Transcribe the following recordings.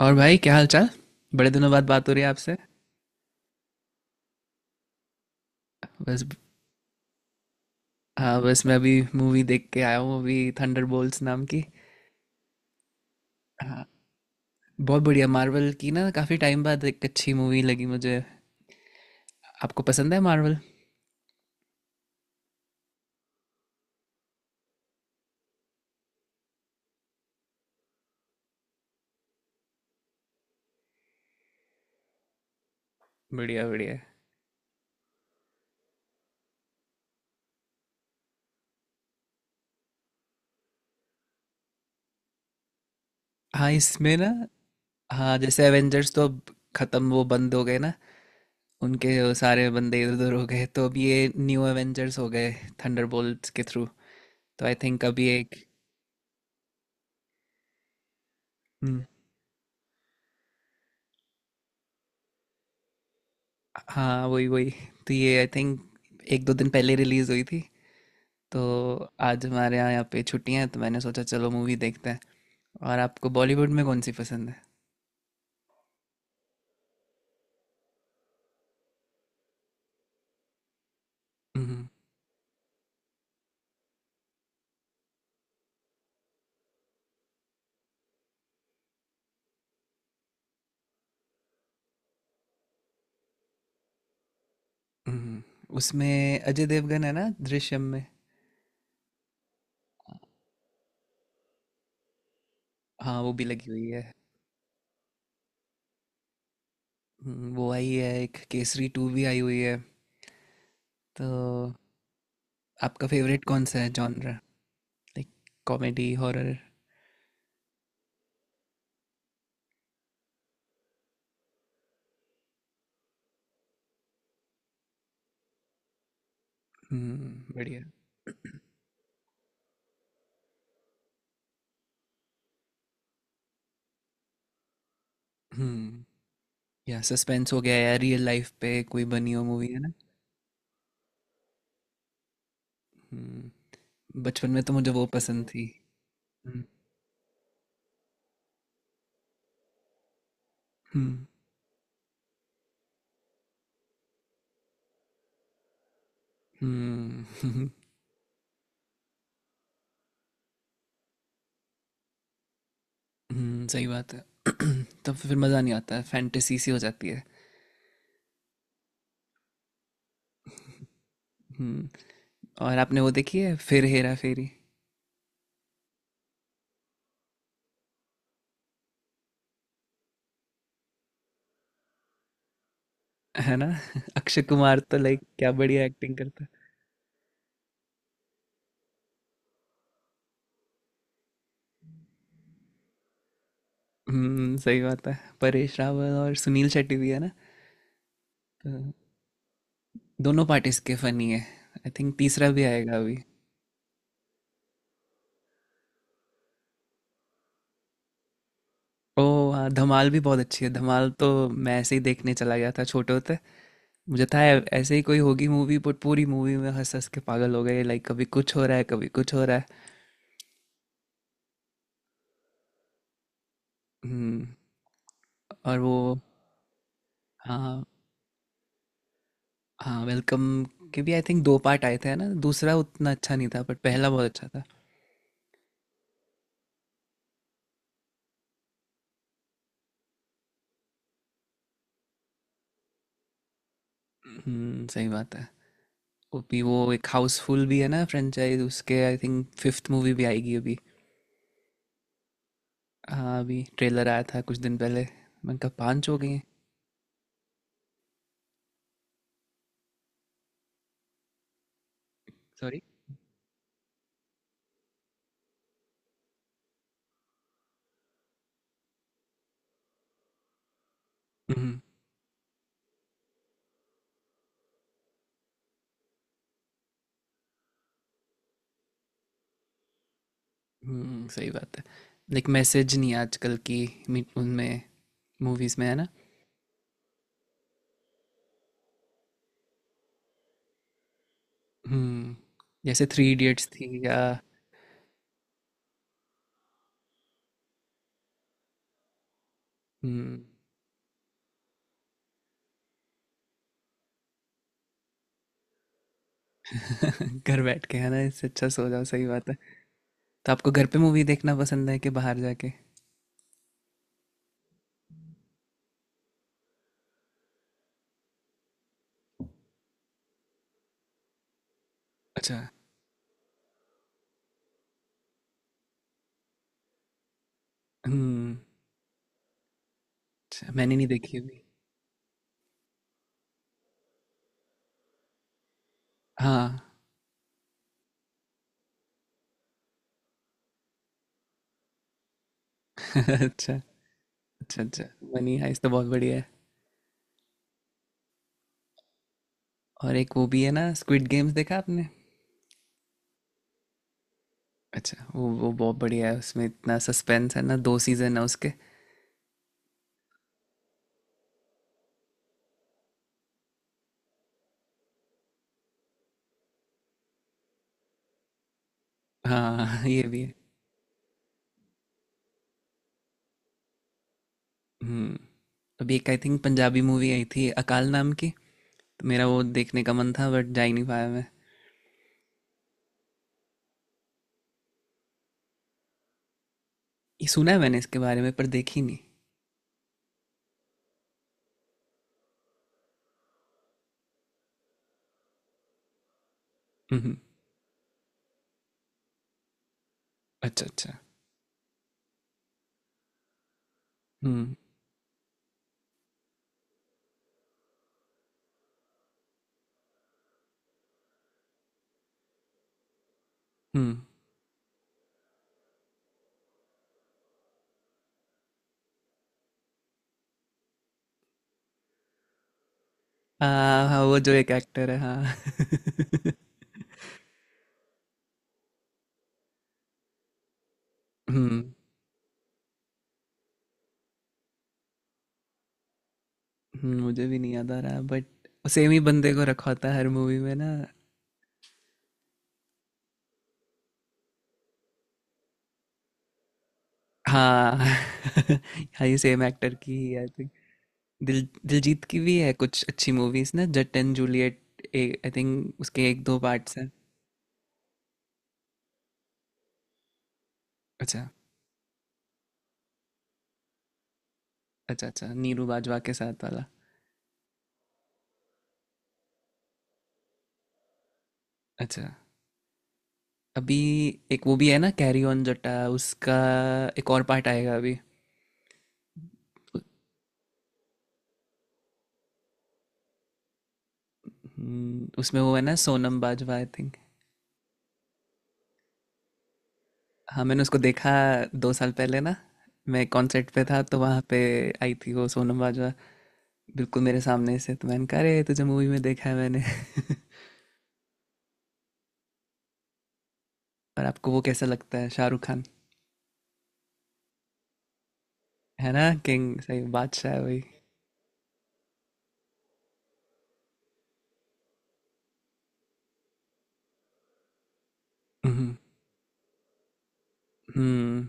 और भाई क्या हाल चाल। बड़े दिनों बाद बात हो रही है आपसे। बस। हाँ, बस मैं अभी मूवी देख के आया हूँ, अभी थंडरबोल्ट्स नाम की। हाँ, बहुत बढ़िया, मार्वल की ना काफ़ी टाइम बाद एक अच्छी मूवी लगी मुझे। आपको पसंद है मार्वल? बढ़िया बढ़िया। हाँ। इसमें ना हाँ, जैसे एवेंजर्स तो अब खत्म, वो बंद हो गए ना। उनके वो सारे बंदे इधर उधर हो गए तो अब ये न्यू एवेंजर्स हो गए, थंडरबोल्ट्स के थ्रू। तो आई थिंक अभी एक। हम्म। हाँ, वही वही। तो ये आई थिंक एक दो दिन पहले रिलीज हुई थी। तो आज हमारे यहाँ यहाँ पे छुट्टियां हैं, तो मैंने सोचा चलो मूवी देखते हैं। और आपको बॉलीवुड में कौन सी पसंद है? हम्म। हम्म। उसमें अजय देवगन है ना, दृश्यम में? हाँ, वो भी लगी हुई है। वो आई है। एक केसरी टू भी आई हुई है। तो आपका फेवरेट कौन सा है जॉनर? Like comedy, horror? हम्म, बढ़िया। हम्म। या सस्पेंस हो गया, या रियल लाइफ पे कोई बनी हो मूवी, है ना? हम्म। बचपन में तो मुझे वो पसंद थी। हम्म। हम्म। हम्म। हुँ, सही बात है। तब फिर मज़ा नहीं आता है, फैंटेसी सी हो जाती है। हुँ। और आपने वो देखी है फिर, हेरा फेरी? है ना? अक्षय कुमार तो लाइक क्या बढ़िया एक्टिंग करता है। हुँ, सही बात है। परेश रावल और सुनील शेट्टी भी है ना? तो दोनों पार्ट इसके फ़नी है। आई थिंक तीसरा भी आएगा अभी। ओह! हाँ, धमाल भी बहुत अच्छी है। धमाल तो मैं ऐसे ही देखने चला गया था छोटे होते। मुझे था ऐ ऐसे ही कोई होगी मूवी बट पूरी मूवी में हँस-हँस के पागल हो गए। लाइक कभी कुछ हो रहा है, कभी कुछ हो रहा है। हुँ। और वो हाँ, हाँ, वेलकम के भी आई थिंक 2 पार्ट आए थे, है ना? दूसरा उतना अच्छा नहीं था बट पहला बहुत अच्छा था। हम्म, सही बात है। वो एक हाउसफुल भी है ना, फ्रेंचाइज उसके आई थिंक फिफ्थ मूवी भी आएगी अभी। हाँ, अभी ट्रेलर आया था कुछ दिन पहले। मैंने कहा 5 हो गई हैं। सॉरी। हम्म। सही बात है। लाइक मैसेज नहीं है आजकल की। उनमें मूवीज में है ना। हम्म। जैसे थ्री इडियट्स थी या। हम्म। घर बैठ के है ना, इससे अच्छा सो जाओ, सही बात है। तो आपको घर पे मूवी देखना पसंद है कि बाहर जाके? अच्छा। हम्म। अच्छा, मैंने नहीं देखी अभी। हाँ। अच्छा अच्छा। अच्छा, मनी हाइस्ट तो बहुत बढ़िया है। और एक वो भी है ना, स्क्विड गेम्स देखा आपने? अच्छा, वो बहुत बढ़िया है, उसमें इतना सस्पेंस है ना, 2 सीजन है उसके। हाँ ये भी है। हम्म। अभी एक आई थिंक पंजाबी मूवी आई थी, अकाल नाम की। तो मेरा वो देखने का मन था बट जा ही नहीं पाया मैं। ये सुना है मैंने इसके बारे में, पर देखी नहीं। हम्म। अच्छा अच्छा। हम्म। हम्म। हाँ, हाँ, वो जो एक एक्टर है, हाँ। हम्म। मुझे भी नहीं याद आ रहा बट सेम ही बंदे को रखा होता है हर मूवी में ना। हाँ। हाँ, ये सेम एक्टर की ही आई थिंक। दिलजीत की भी है कुछ अच्छी मूवीज ना, Jatt and Juliet, I think उसके एक दो पार्ट्स हैं। अच्छा। अच्छा अच्छा, नीरू बाजवा के साथ वाला। अच्छा। अभी एक वो भी है ना कैरी ऑन जटा, उसका एक और पार्ट आएगा अभी। उसमें वो है ना, सोनम बाजवा आई। हाँ, मैंने उसको देखा 2 साल पहले ना। मैं कॉन्सर्ट पे था तो वहाँ पे आई थी वो सोनम बाजवा, बिल्कुल मेरे सामने से, तो मैंने कहा अरे, तुझे मूवी में देखा है मैंने। और आपको वो कैसा लगता है, शाहरुख खान? है ना, किंग सही, बादशाह है वही। हम्म। हम्म।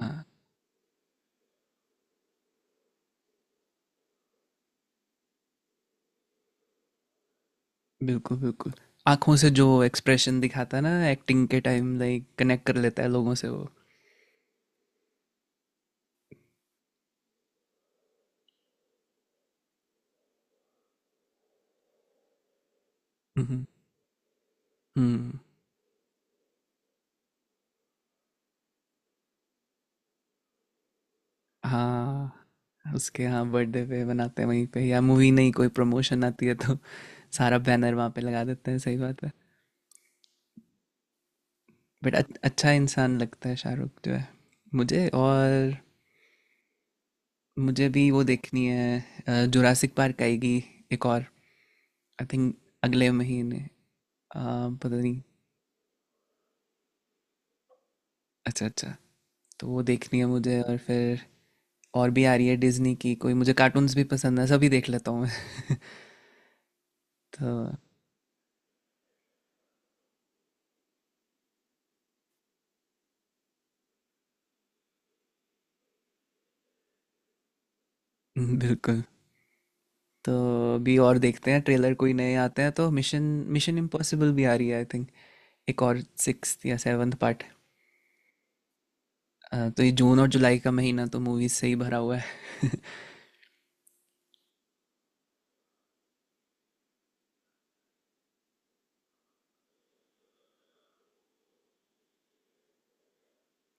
हाँ, बिल्कुल बिल्कुल। आंखों से जो एक्सप्रेशन दिखाता है ना एक्टिंग के टाइम, लाइक कनेक्ट कर लेता है लोगों से वो। हम्म। हम्म। हाँ, उसके हाँ बर्थडे पे बनाते हैं वहीं पे, या मूवी नहीं कोई प्रमोशन आती है तो सारा बैनर वहाँ पे लगा देते हैं, सही बात है। बट अच्छा इंसान लगता है, शाहरुख जो है, मुझे। और मुझे भी वो देखनी है, जुरासिक पार्क आएगी एक और आई थिंक अगले महीने। अ, पता नहीं। अच्छा अच्छा। तो वो देखनी है मुझे, और फिर और भी आ रही है डिज्नी की कोई, मुझे कार्टून्स भी पसंद है, सभी देख लेता हूँ मैं। तो बिल्कुल। तो अभी और देखते हैं ट्रेलर कोई नए आते हैं तो, मिशन मिशन इम्पॉसिबल भी आ रही है आई थिंक, एक और सिक्स या सेवन्थ पार्ट। तो ये जून और जुलाई का महीना तो मूवीज से ही भरा हुआ है।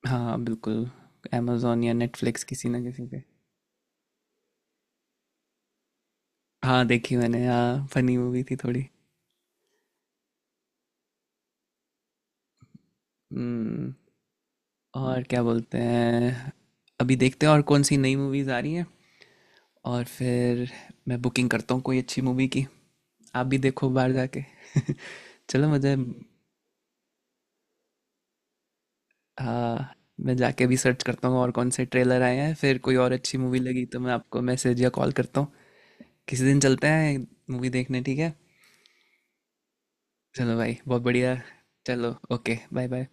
हाँ, बिल्कुल। amazon या नेटफ्लिक्स किसी ना किसी पे। हाँ, देखी मैंने, हाँ फनी मूवी थी थोड़ी। हम्म। और क्या बोलते हैं, अभी देखते हैं और कौन सी नई मूवीज आ रही हैं, और फिर मैं बुकिंग करता हूँ कोई अच्छी मूवी की, आप भी देखो बाहर जाके। चलो मुझे। हाँ, मैं जाके भी सर्च करता हूँ और कौन से ट्रेलर आए हैं, फिर कोई और अच्छी मूवी लगी तो मैं आपको मैसेज या कॉल करता हूँ। किसी दिन चलते हैं मूवी देखने, ठीक है। चलो भाई, बहुत बढ़िया। चलो ओके, बाय बाय।